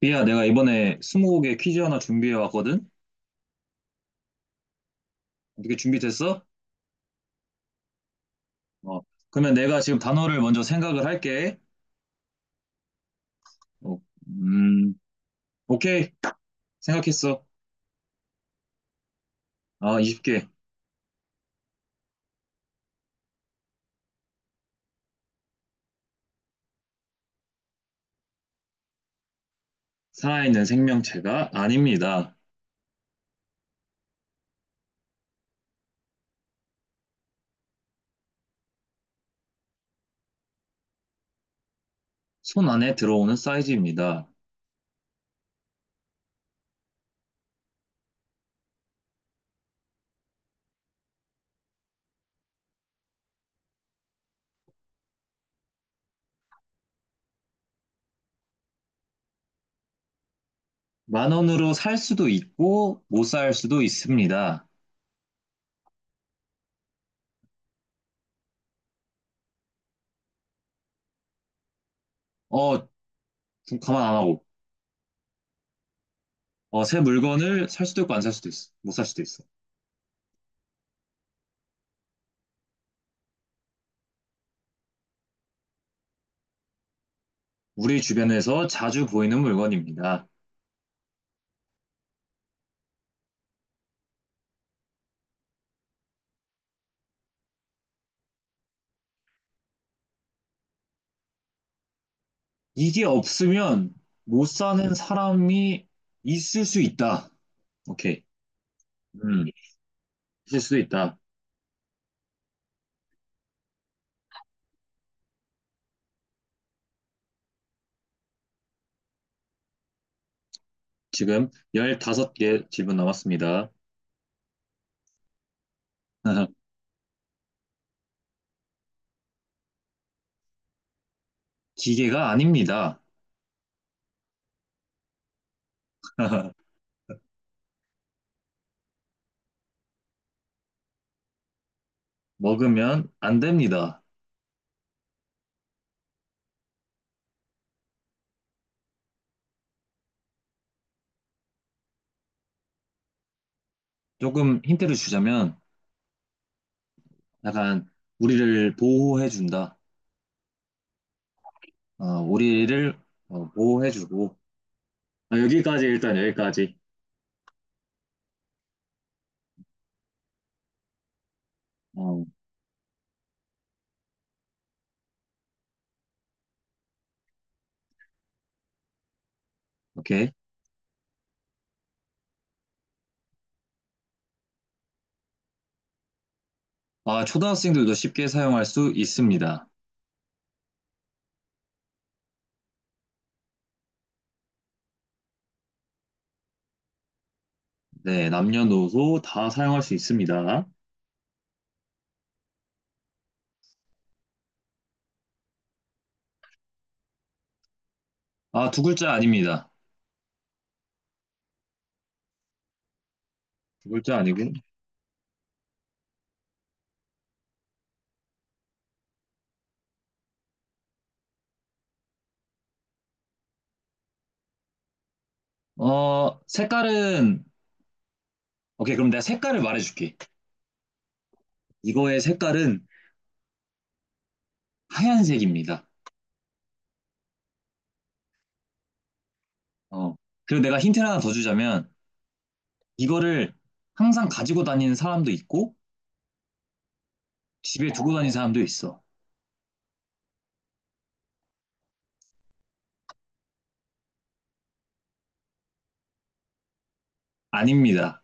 비야, 내가 이번에 스무고개 퀴즈 하나 준비해 왔거든? 어떻게 준비됐어? 어, 그러면 내가 지금 단어를 먼저 생각을 할게. 어, 음, 오케이. 생각했어. 아, 20개. 살아있는 생명체가 아닙니다. 손 안에 들어오는 사이즈입니다. 만 원으로 살 수도 있고, 못 살 수도 있습니다. 어, 가만 안 하고. 어, 새 물건을 살 수도 있고, 안 살 수도 있어. 못 살 수도 있어. 우리 주변에서 자주 보이는 물건입니다. 이게 없으면 못 사는 사람이 있을 수 있다. 오케이. 음, 있을 수도 있다. 지금 15개 질문 남았습니다. 기계가 아닙니다. 먹으면 안 됩니다. 조금 힌트를 주자면 약간 우리를 보호해 준다. 어, 우리를 보호해 주고 여기까지. 어, 오케이. 아, 초등학생들도 쉽게 사용할 수 있습니다. 네, 남녀노소 다 사용할 수 있습니다. 아, 두 글자 아닙니다. 두 글자 아니고. 어, 색깔은, 오케이, 그럼 내가 색깔을 말해줄게. 이거의 색깔은 하얀색입니다. 어. 그리고 내가 힌트를 하나 더 주자면, 이거를 항상 가지고 다니는 사람도 있고, 집에 두고 다니는 사람도 있어. 아닙니다.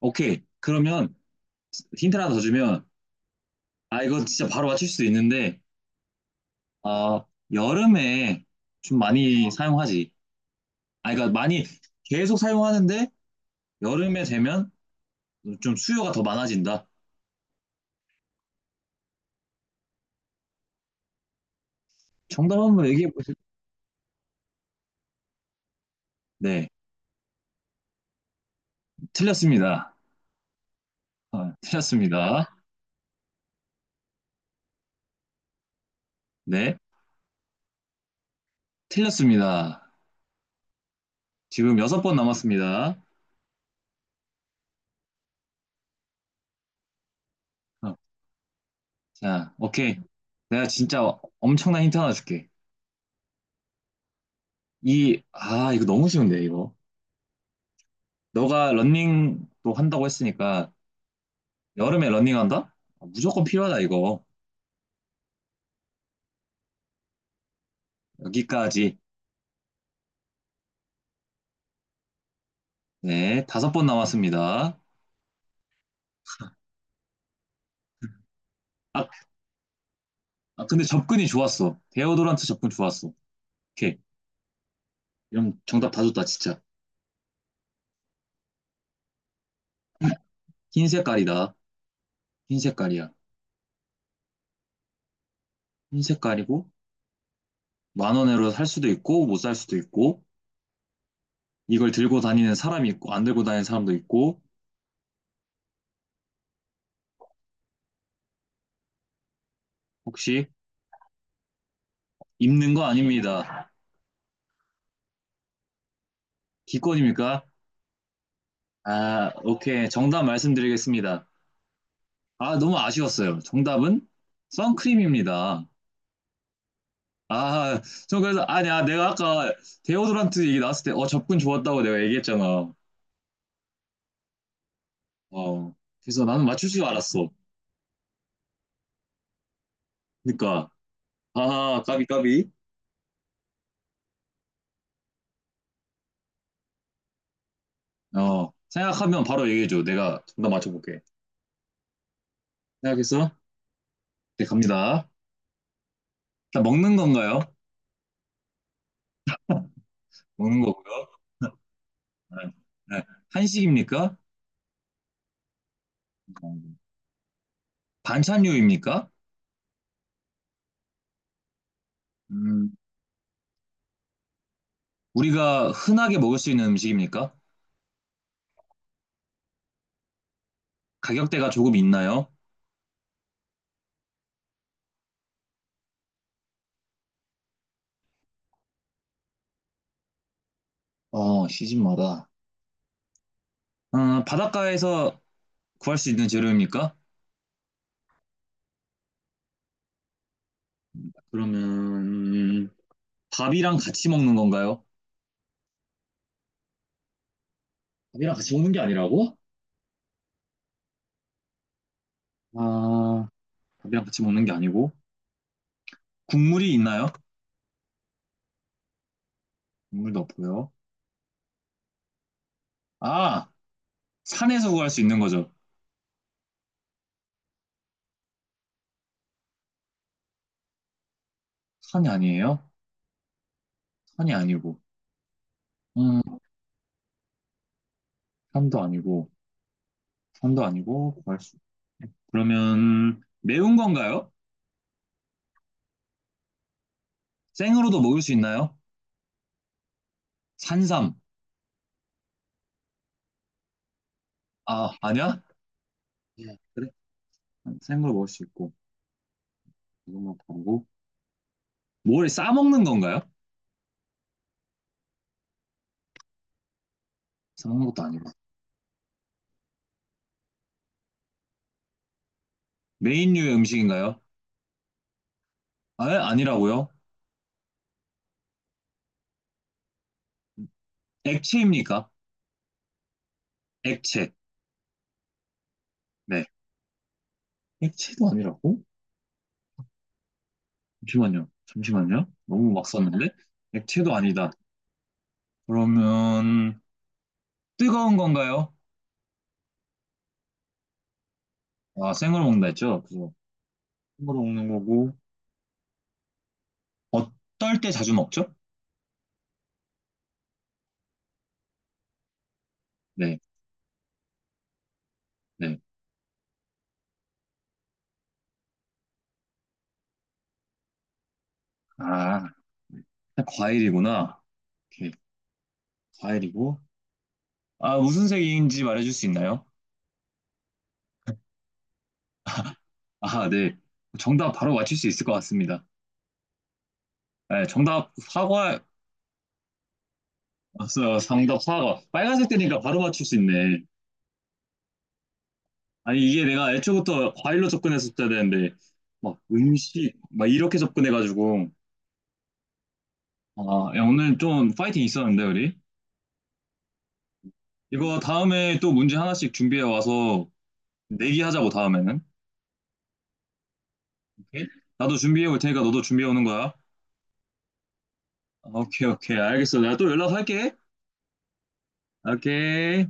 오케이, 그러면 힌트를 하나 더 주면, 아, 이거 진짜 바로 맞출 수도 있는데, 어 여름에 좀 많이 사용하지. 아, 그러니까 많이 계속 사용하는데, 여름에 되면 좀 수요가 더 많아진다. 정답 한번 얘기해 보세요. 네, 틀렸습니다. 아, 틀렸습니다. 네, 틀렸습니다. 지금 여섯 번 남았습니다. 어, 자, 오케이. 내가 진짜 엄청난 힌트 하나 줄게. 이거 너무 쉬운데, 이거. 너가 런닝도 한다고 했으니까, 여름에 런닝한다? 아, 무조건 필요하다, 이거. 여기까지. 네, 다섯 번 남았습니다. 아, 아, 근데 접근이 좋았어. 데오도란트 접근 좋았어. 오케이. 이런 정답 다 줬다, 진짜. 흰 색깔이다. 흰 색깔이야. 흰 색깔이고, 만 원으로 살 수도 있고, 못 살 수도 있고, 이걸 들고 다니는 사람이 있고, 안 들고 다니는 사람도 있고, 혹시 입는 거 아닙니다. 기권입니까? 아, 오케이. 정답 말씀드리겠습니다. 아, 너무 아쉬웠어요. 정답은 선크림입니다. 아, 저 그래서, 아니, 아, 내가 아까 데오드란트 얘기 나왔을 때, 어, 접근 좋았다고 내가 얘기했잖아. 어, 그래서 나는 맞출 줄 알았어. 그러니까, 아, 까비, 까비. 어, 생각하면 바로 얘기해줘. 내가 정답 맞춰볼게. 생각했어? 네, 갑니다. 자 먹는 건가요? 먹는 거고요. 네. 네. 한식입니까? 반찬류입니까? 음, 우리가 흔하게 먹을 수 있는 음식입니까? 가격대가 조금 있나요? 어, 시즌마다. 어, 바닷가에서 구할 수 있는 재료입니까? 그러면 음, 밥이랑 같이 먹는 건가요? 밥이랑 같이 먹는 게 아니라고? 아, 밥이랑 같이 먹는 게 아니고 국물이 있나요? 국물도 없고요. 아, 산에서 구할 수 있는 거죠. 산이 아니에요? 산이 아니고, 음, 산도 아니고, 산도 아니고 구할 수. 그러면 매운 건가요? 생으로도 먹을 수 있나요? 산삼. 아, 아니야? 예, 그래. 생으로 먹을 수 있고, 이것만 보고. 뭘 싸먹는 건가요? 싸먹는 것도 아니고. 메인류의 음식인가요? 아, 아니라고요? 액체입니까? 액체. 네. 액체도 아니라고? 잠시만요. 잠시만요. 너무 막 썼는데? 액체도 아니다. 그러면 뜨거운 건가요? 아, 생으로 먹는다 했죠? 그 생으로 먹는 거고 어떨 때 자주 먹죠? 네, 네. 아, 네. 과일이구나. 오케이, 과일이고. 아, 무슨 색인지 말해줄 수 있나요? 아, 네. 정답 바로 맞출 수 있을 것 같습니다. 네, 정답 사과. 맞아요. 정답 사과. 빨간색 되니까 바로 맞출 수 있네. 아니, 이게 내가 애초부터 과일로 접근했었어야 되는데, 막 음식, 막 이렇게 접근해가지고. 아, 야, 오늘 좀 파이팅 있었는데, 우리? 이거 다음에 또 문제 하나씩 준비해 와서 내기하자고, 다음에는. 오케이? 나도 준비해 올 테니까 너도 준비해 오는 거야. 오케이, 오케이. 알겠어. 내가 또 연락할게. 오케이.